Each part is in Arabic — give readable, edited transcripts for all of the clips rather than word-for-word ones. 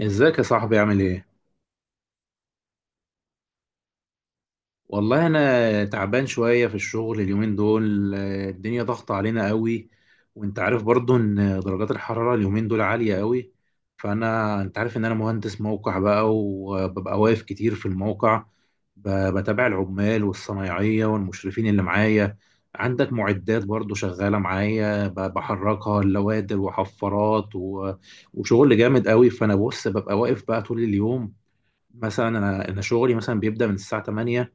ازيك يا صاحبي عامل ايه؟ والله انا تعبان شوية في الشغل اليومين دول، الدنيا ضغط علينا قوي. وانت عارف برضو ان درجات الحرارة اليومين دول عالية قوي. فانا انت عارف ان انا مهندس موقع بقى وببقى واقف كتير في الموقع، بتابع العمال والصنايعية والمشرفين اللي معايا. عندك معدات برضو شغالة معايا، بحركها، اللوادر وحفارات وشغل جامد قوي. فانا بص ببقى واقف بقى طول اليوم. مثلا انا شغلي مثلا بيبدا من الساعه 8،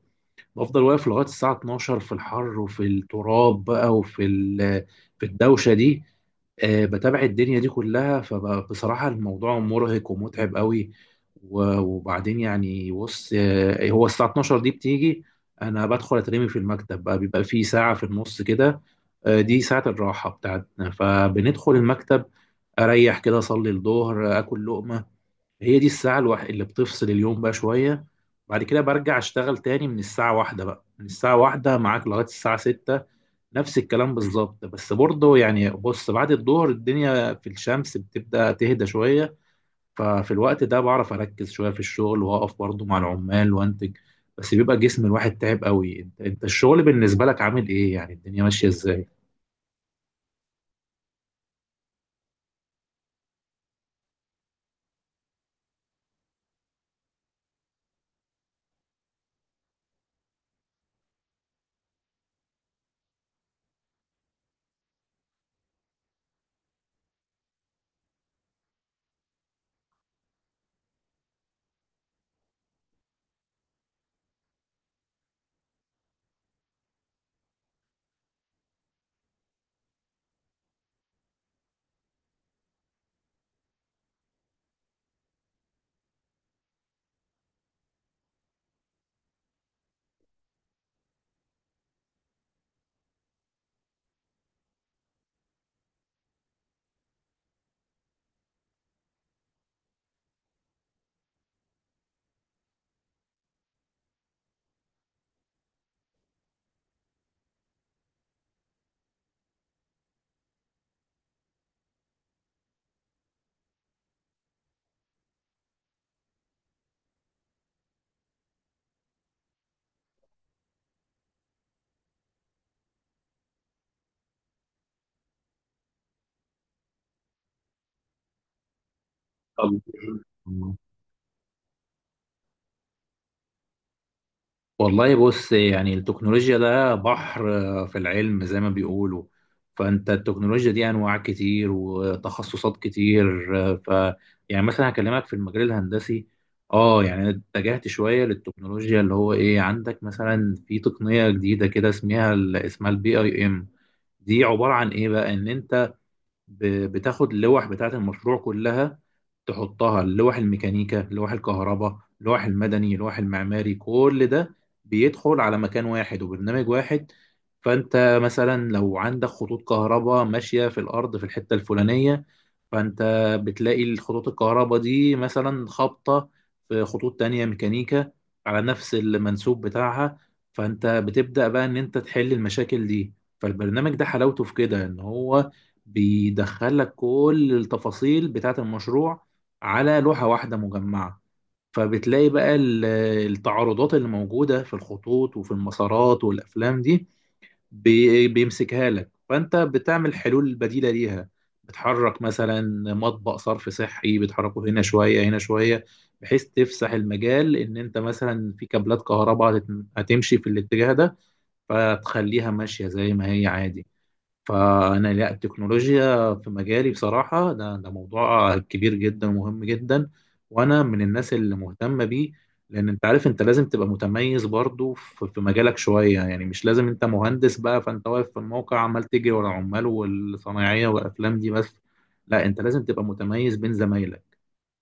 بفضل واقف لغايه الساعه 12 في الحر وفي التراب بقى وفي في الدوشه دي. بتابع الدنيا دي كلها فبصراحة الموضوع مرهق ومتعب قوي. وبعدين يعني بص، هو الساعة 12 دي بتيجي، أنا بدخل أترمي في المكتب بقى، بيبقى في ساعة في النص كده. دي ساعة الراحة بتاعتنا فبندخل المكتب، أريح كده، أصلي الظهر، آكل لقمة. هي دي الساعة الوحيدة اللي بتفصل اليوم بقى شوية. بعد كده برجع اشتغل تاني من الساعة واحدة بقى، من الساعة واحدة معاك لغاية الساعة ستة، نفس الكلام بالظبط. بس برضه يعني بص، بعد الظهر الدنيا في الشمس بتبدأ تهدى شوية، ففي الوقت ده بعرف أركز شوية في الشغل وأقف برضه مع العمال وأنتج. بس بيبقى جسم الواحد تعب قوي. انت الشغل بالنسبة لك عامل ايه؟ يعني الدنيا ماشية ازاي؟ طب والله بص يعني التكنولوجيا ده بحر، في العلم زي ما بيقولوا. فانت التكنولوجيا دي انواع كتير وتخصصات كتير، آه، ف يعني مثلا هكلمك في المجال الهندسي. اه يعني اتجهت شويه للتكنولوجيا، اللي هو ايه، عندك مثلا في تقنيه جديده كده اسمها البي اي ام. دي عباره عن ايه بقى؟ ان انت بتاخد اللوح بتاعه المشروع كلها، تحطها لوح الميكانيكا لوح الكهرباء لوح المدني لوح المعماري، كل ده بيدخل على مكان واحد وبرنامج واحد. فانت مثلا لو عندك خطوط كهرباء ماشية في الارض في الحتة الفلانية، فانت بتلاقي الخطوط الكهرباء دي مثلا خابطة في خطوط تانية ميكانيكا على نفس المنسوب بتاعها، فانت بتبدأ بقى ان انت تحل المشاكل دي. فالبرنامج ده حلاوته في كده ان هو بيدخلك كل التفاصيل بتاعة المشروع على لوحة واحدة مجمعة. فبتلاقي بقى التعارضات اللي موجودة في الخطوط وفي المسارات والأفلام دي، بيمسكها لك، فانت بتعمل حلول بديله ليها. بتحرك مثلا مطبق صرف صحي، بتحركه هنا شويه هنا شويه، بحيث تفسح المجال ان انت مثلا في كابلات كهرباء هتمشي في الاتجاه ده، فتخليها ماشيه زي ما هي عادي. فانا لا، التكنولوجيا في مجالي بصراحه ده موضوع كبير جدا ومهم جدا، وانا من الناس اللي مهتمه بيه. لان انت عارف انت لازم تبقى متميز برضو في مجالك شويه، يعني مش لازم انت مهندس بقى فانت واقف في الموقع عمال تجري ورا عمال والصنايعيه والافلام دي بس. لا، انت لازم تبقى متميز بين زمايلك.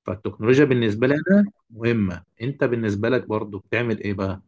فالتكنولوجيا بالنسبه لي انا مهمه. انت بالنسبه لك برضو بتعمل ايه بقى؟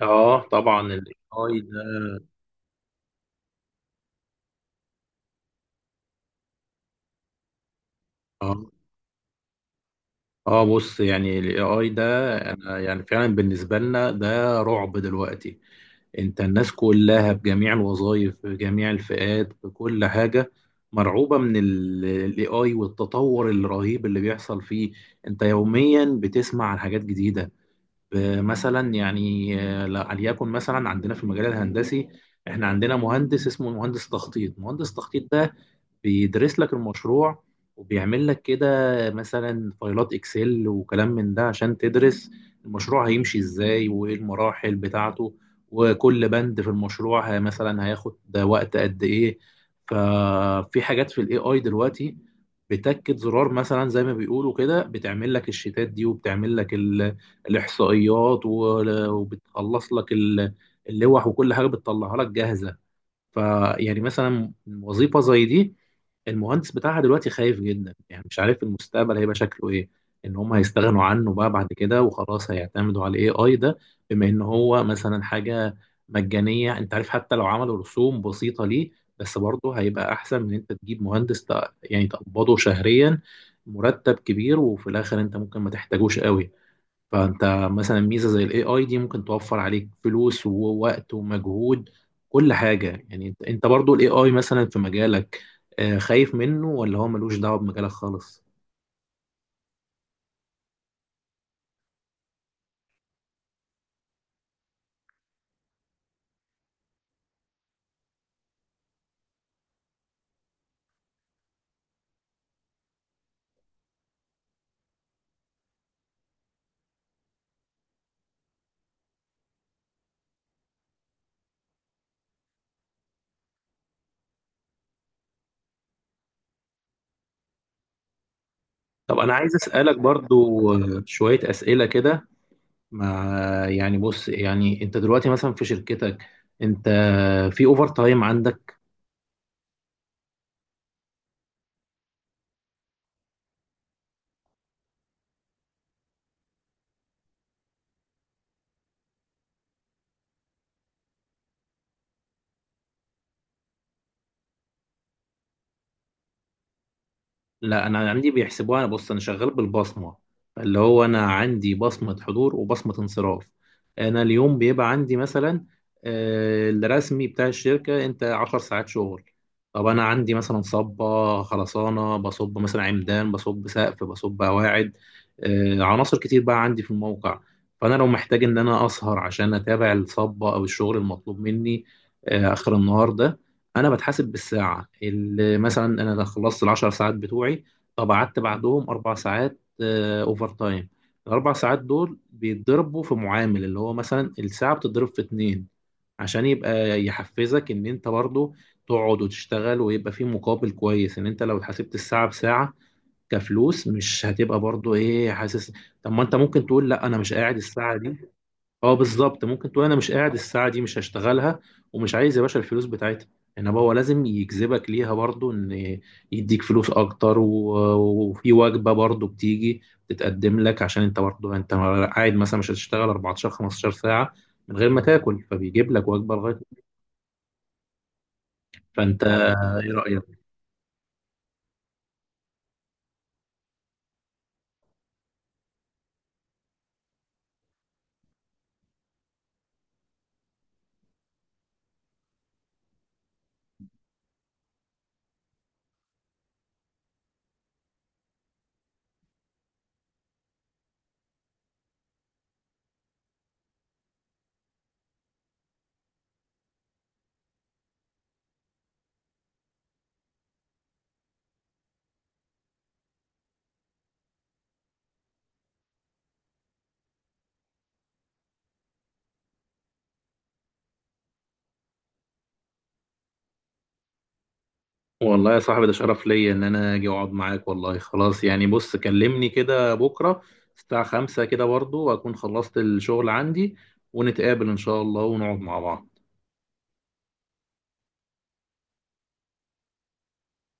اه طبعا الاي اي ده. اه بص يعني الاي اي ده، انا يعني فعلا بالنسبه لنا ده رعب دلوقتي. انت الناس كلها بجميع الوظائف بجميع الفئات بكل حاجه مرعوبه من الاي اي والتطور الرهيب اللي بيحصل فيه. انت يوميا بتسمع عن حاجات جديده. مثلا يعني ليكن مثلا عندنا في المجال الهندسي، احنا عندنا مهندس اسمه مهندس تخطيط. مهندس تخطيط ده بيدرس لك المشروع، وبيعمل لك كده مثلا فايلات اكسل وكلام من ده، عشان تدرس المشروع هيمشي ازاي وايه المراحل بتاعته، وكل بند في المشروع مثلا هياخد ده وقت قد ايه. ففي حاجات في الاي اي دلوقتي بتاكد زرار مثلا زي ما بيقولوا كده، بتعمل لك الشيتات دي، وبتعمل لك الاحصائيات، وبتخلص لك اللوح، وكل حاجه بتطلعها لك جاهزه. فيعني مثلا وظيفة زي دي، المهندس بتاعها دلوقتي خايف جدا، يعني مش عارف المستقبل هيبقى شكله ايه، ان هم هيستغنوا عنه بقى بعد كده وخلاص هيعتمدوا على الاي اي ده، بما ان هو مثلا حاجة مجانية. انت عارف حتى لو عملوا رسوم بسيطة ليه، بس برضه هيبقى احسن من انت تجيب مهندس يعني تقبضه شهريا مرتب كبير، وفي الاخر انت ممكن ما تحتاجوش قوي. فانت مثلا ميزه زي الاي اي دي ممكن توفر عليك فلوس ووقت ومجهود، كل حاجه. يعني انت برضو الاي اي مثلا في مجالك، خايف منه ولا هو ملوش دعوه بمجالك خالص؟ طب انا عايز اسالك برضو شويه اسئله كده. مع، يعني بص يعني انت دلوقتي مثلا في شركتك، انت في اوفر تايم عندك؟ لا انا عندي بيحسبوها. انا بص انا شغال بالبصمه، اللي هو انا عندي بصمه حضور وبصمه انصراف. انا اليوم بيبقى عندي مثلا الرسمي بتاع الشركه انت 10 ساعات شغل. طب انا عندي مثلا صبه خرسانه، بصب مثلا عمدان، بصب سقف، بصب قواعد، عناصر كتير بقى عندي في الموقع. فانا لو محتاج ان انا اسهر عشان اتابع الصبه او الشغل المطلوب مني اخر النهار ده، انا بتحاسب بالساعه. اللي مثلا انا لو خلصت العشر ساعات بتوعي، طب قعدت بعدهم 4 ساعات، اوفر تايم، الاربع ساعات دول بيتضربوا في معامل، اللي هو مثلا الساعه بتضرب في 2، عشان يبقى يحفزك ان انت برضو تقعد وتشتغل ويبقى في مقابل كويس. ان انت لو حسبت الساعه بساعه كفلوس مش هتبقى برضو ايه، حاسس؟ طب ما انت ممكن تقول لا انا مش قاعد الساعه دي. اه بالظبط، ممكن تقول انا مش قاعد الساعه دي، مش هشتغلها، ومش عايز يا باشا الفلوس بتاعتها. انما هو لازم يجذبك ليها برضو، ان يديك فلوس اكتر، وفي وجبه برضو بتيجي تتقدم لك، عشان انت برضو انت قاعد مثلا مش هتشتغل 14 15 ساعه من غير ما تاكل، فبيجيب لك وجبه لغايه. فانت ايه رايك؟ والله يا صاحبي ده شرف ليا ان انا اجي اقعد معاك. والله خلاص يعني بص، كلمني كده بكره الساعة 5 كده برضو، واكون خلصت الشغل عندي، ونتقابل ان شاء الله ونقعد مع بعض.